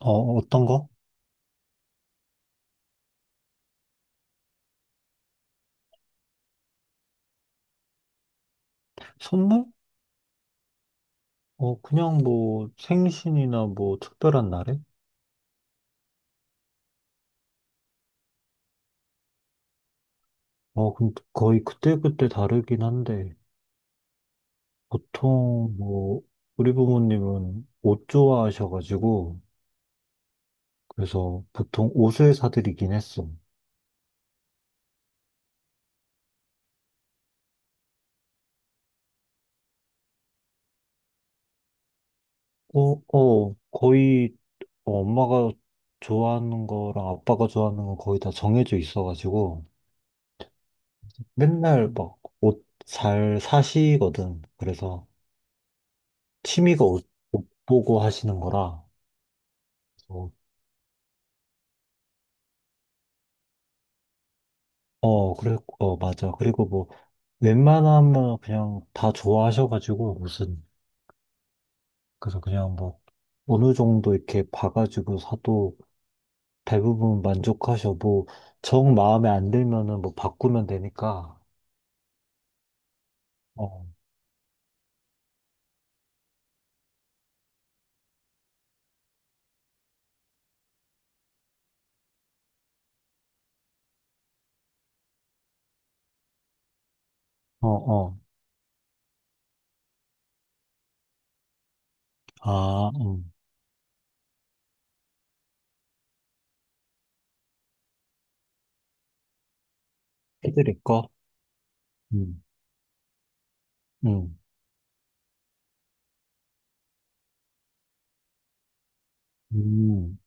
어, 어떤 거? 선물? 그냥 뭐 생신이나 뭐 특별한 날에? 근데 거의 그때그때 다르긴 한데 보통 뭐 우리 부모님은 옷 좋아하셔가지고, 그래서 보통 옷을 사드리긴 했어. 거의 엄마가 좋아하는 거랑 아빠가 좋아하는 거 거의 다 정해져 있어가지고 맨날 막 옷 잘 사시거든. 그래서 취미가 옷, 옷 보고 하시는 거라. 그래, 맞아. 그리고 뭐, 웬만하면 그냥 다 좋아하셔가지고, 무슨, 그래서 그냥 뭐, 어느 정도 이렇게 봐가지고 사도 대부분 만족하셔. 뭐, 정 마음에 안 들면은 뭐, 바꾸면 되니까. 어, 어, 어. 아, 해드릴 거? 음, 음, 음.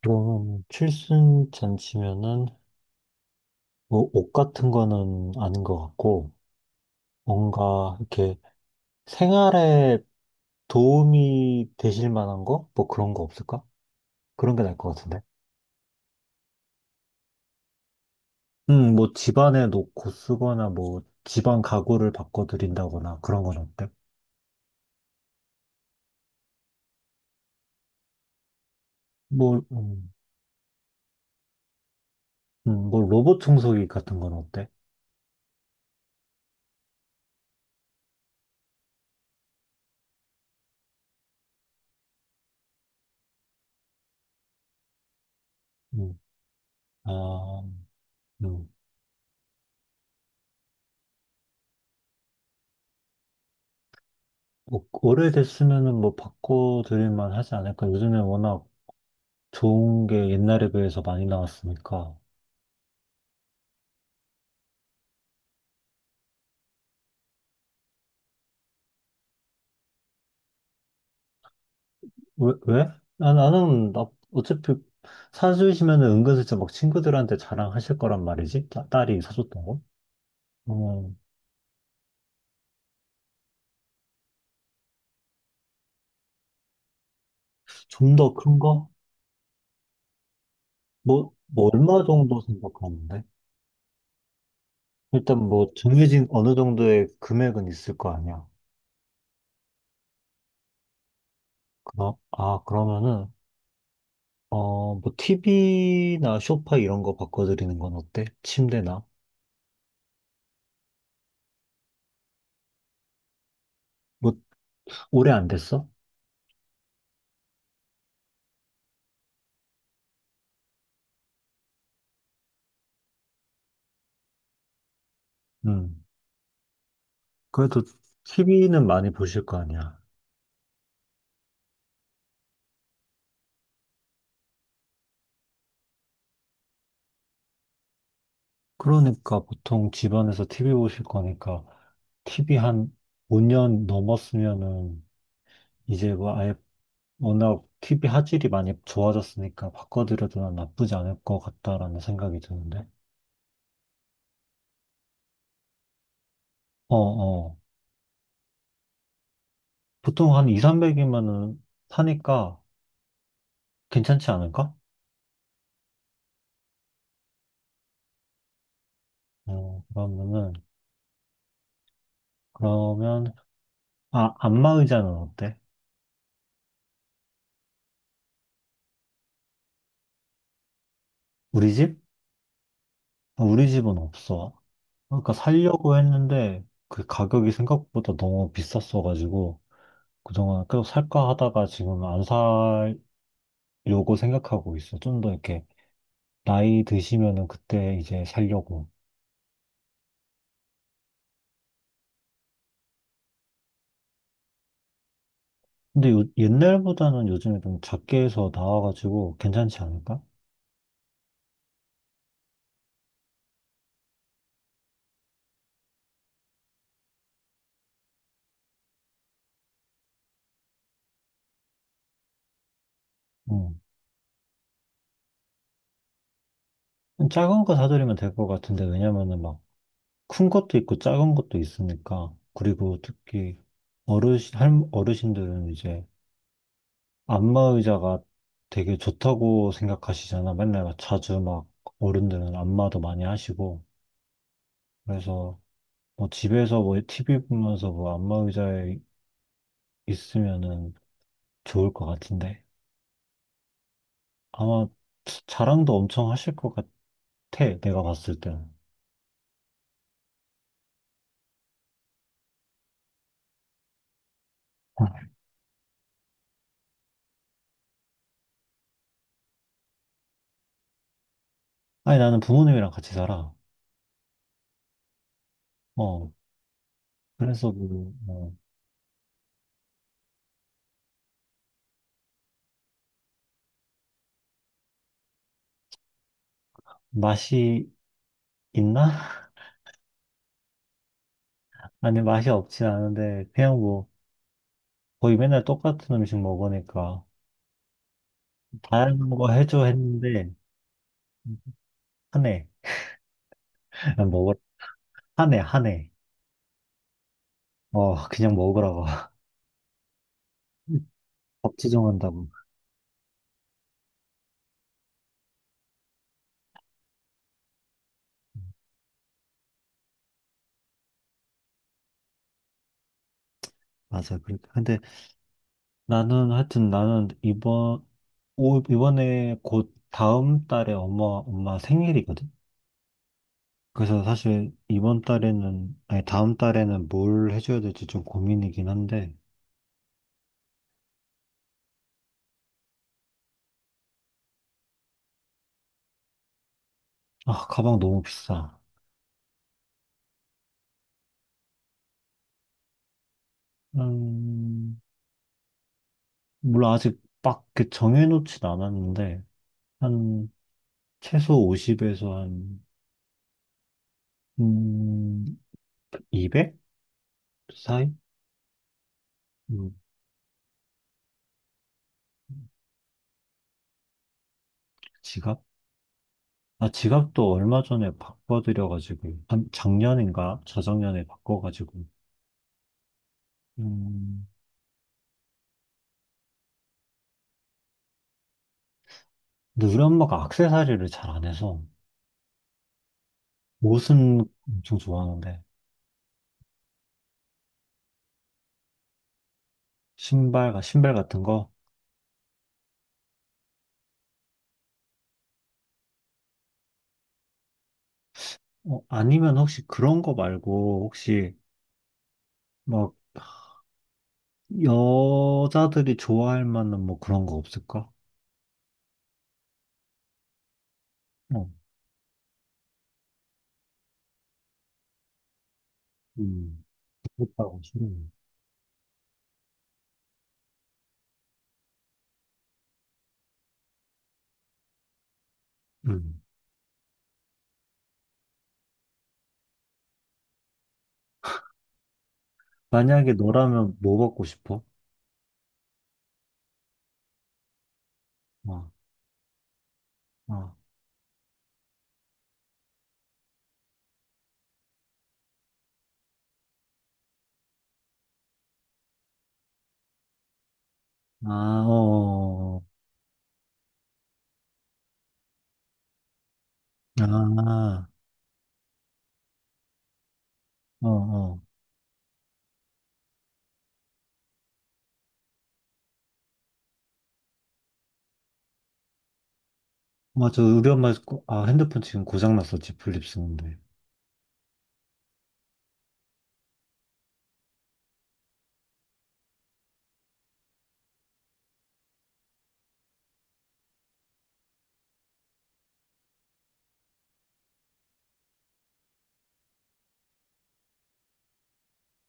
그럼, 칠순 잔치면은, 뭐, 옷 같은 거는 아닌 것 같고, 뭔가, 이렇게, 생활에 도움이 되실 만한 거? 뭐 그런 거 없을까? 그런 게 나을 것 같은데. 뭐 집안에 놓고 쓰거나 뭐 집안 가구를 바꿔드린다거나 그런 건 어때? 뭐, 음, 뭐 로봇 청소기 같은 건 어때? 음, 아, 음. 뭐 오래됐으면은 뭐 바꿔드릴 만 하지 않을까? 요즘에 워낙 좋은 게 옛날에 비해서 많이 나왔으니까. 왜, 왜? 아, 나, 어차피 사주시면 은근슬쩍 막 친구들한테 자랑하실 거란 말이지? 딸이 사줬다고? 어, 좀더 큰 거? 뭐, 얼마 정도 생각하는데? 일단 뭐, 정해진 어느 정도의 금액은 있을 거 아니야. 그럼, 아, 그러면은, 어, 뭐, TV나 소파 이런 거 바꿔드리는 건 어때? 침대나? 뭐, 오래 안 됐어? 음. 그래도 TV는 많이 보실 거 아니야. 그러니까 보통 집안에서 TV 보실 거니까 TV 한 5년 넘었으면은 이제 뭐 아예 워낙 TV 화질이 많이 좋아졌으니까 바꿔드려도 난 나쁘지 않을 것 같다라는 생각이 드는데. 어, 어. 보통 한 2, 300이면은 사니까 괜찮지 않을까? 그러면은, 그러면, 아, 안마 의자는 어때? 우리 집? 아, 우리 집은 없어. 그러니까 살려고 했는데 그 가격이 생각보다 너무 비쌌어가지고 그동안 계속 살까 하다가 지금 안 살려고 생각하고 있어. 좀 더 이렇게 나이 드시면은 그때 이제 살려고. 근데 옛날보다는 요즘에 좀 작게 해서 나와가지고 괜찮지 않을까? 음. 작은 거 사드리면 될 것 같은데, 왜냐면은 막 큰 것도 있고 작은 것도 있으니까. 그리고 특히 어르신들은 이제 안마의자가 되게 좋다고 생각하시잖아. 맨날 막 자주 막 어른들은 안마도 많이 하시고. 그래서 뭐 집에서 뭐 TV 보면서 뭐 안마 의자에 있으면은 좋을 것 같은데. 아마 자랑도 엄청 하실 것 같아. 내가 봤을 때는. 아니, 나는 부모님이랑 같이 살아. 어. 그래서 뭐, 어, 맛이 있나? 아니, 맛이 없진 않은데, 그냥 뭐, 거의 맨날 똑같은 음식 먹으니까. 다양한 거 해줘 했는데, 하네. 그냥 먹으라. 하네, 하네. 어, 그냥 먹으라고. 법 지정한다고. 맞아. 그렇게. 근데 나는 하여튼 나는 이번에 곧 다음 달에 엄마 생일이거든. 그래서 사실 이번 달에는 아니 다음 달에는 뭘 해줘야 될지 좀 고민이긴 한데. 아, 가방 너무 비싸. 음, 물론 아직 막그 정해놓진 않았는데 한 최소 50에서 한 음, 200 사이? 음, 아, 지갑도 얼마 전에 바꿔드려가지고, 한 작년인가? 저작년에 바꿔가지고, 음, 근데 우리 엄마가 액세서리를 잘 안 해서. 옷은 엄청 좋아하는데. 신발과 신발 같은 거? 어, 아니면 혹시 그런 거 말고, 혹시, 막, 여자들이 좋아할 만한 뭐 그런 거 없을까? 어, 음, 그렇다고 싶네. 음. 만약에 너라면 뭐 받고 싶어? 어, 어, 아, 어, 어, 어. 아, 어, 어. 맞아. 우리 엄마, 핸드폰 지금 고장났었지. 플립 쓰는데.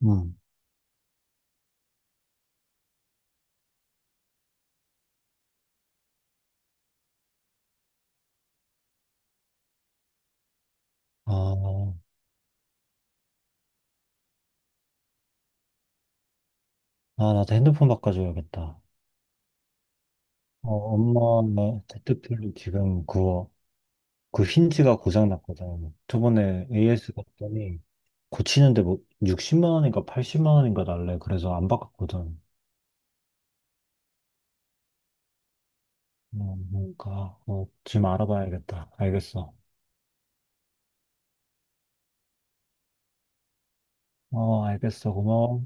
응. 아, 나도 핸드폰 바꿔줘야겠다. 어, 엄마, 데드풀 지금 그거, 그 힌지가 고장났거든. 저번에 AS 갔더니 고치는데 뭐 60만 원인가 80만 원인가 날래. 그래서 안 바꿨거든. 어, 뭔가, 어, 지금 알아봐야겠다. 알겠어. 어, 알겠어. 고마워.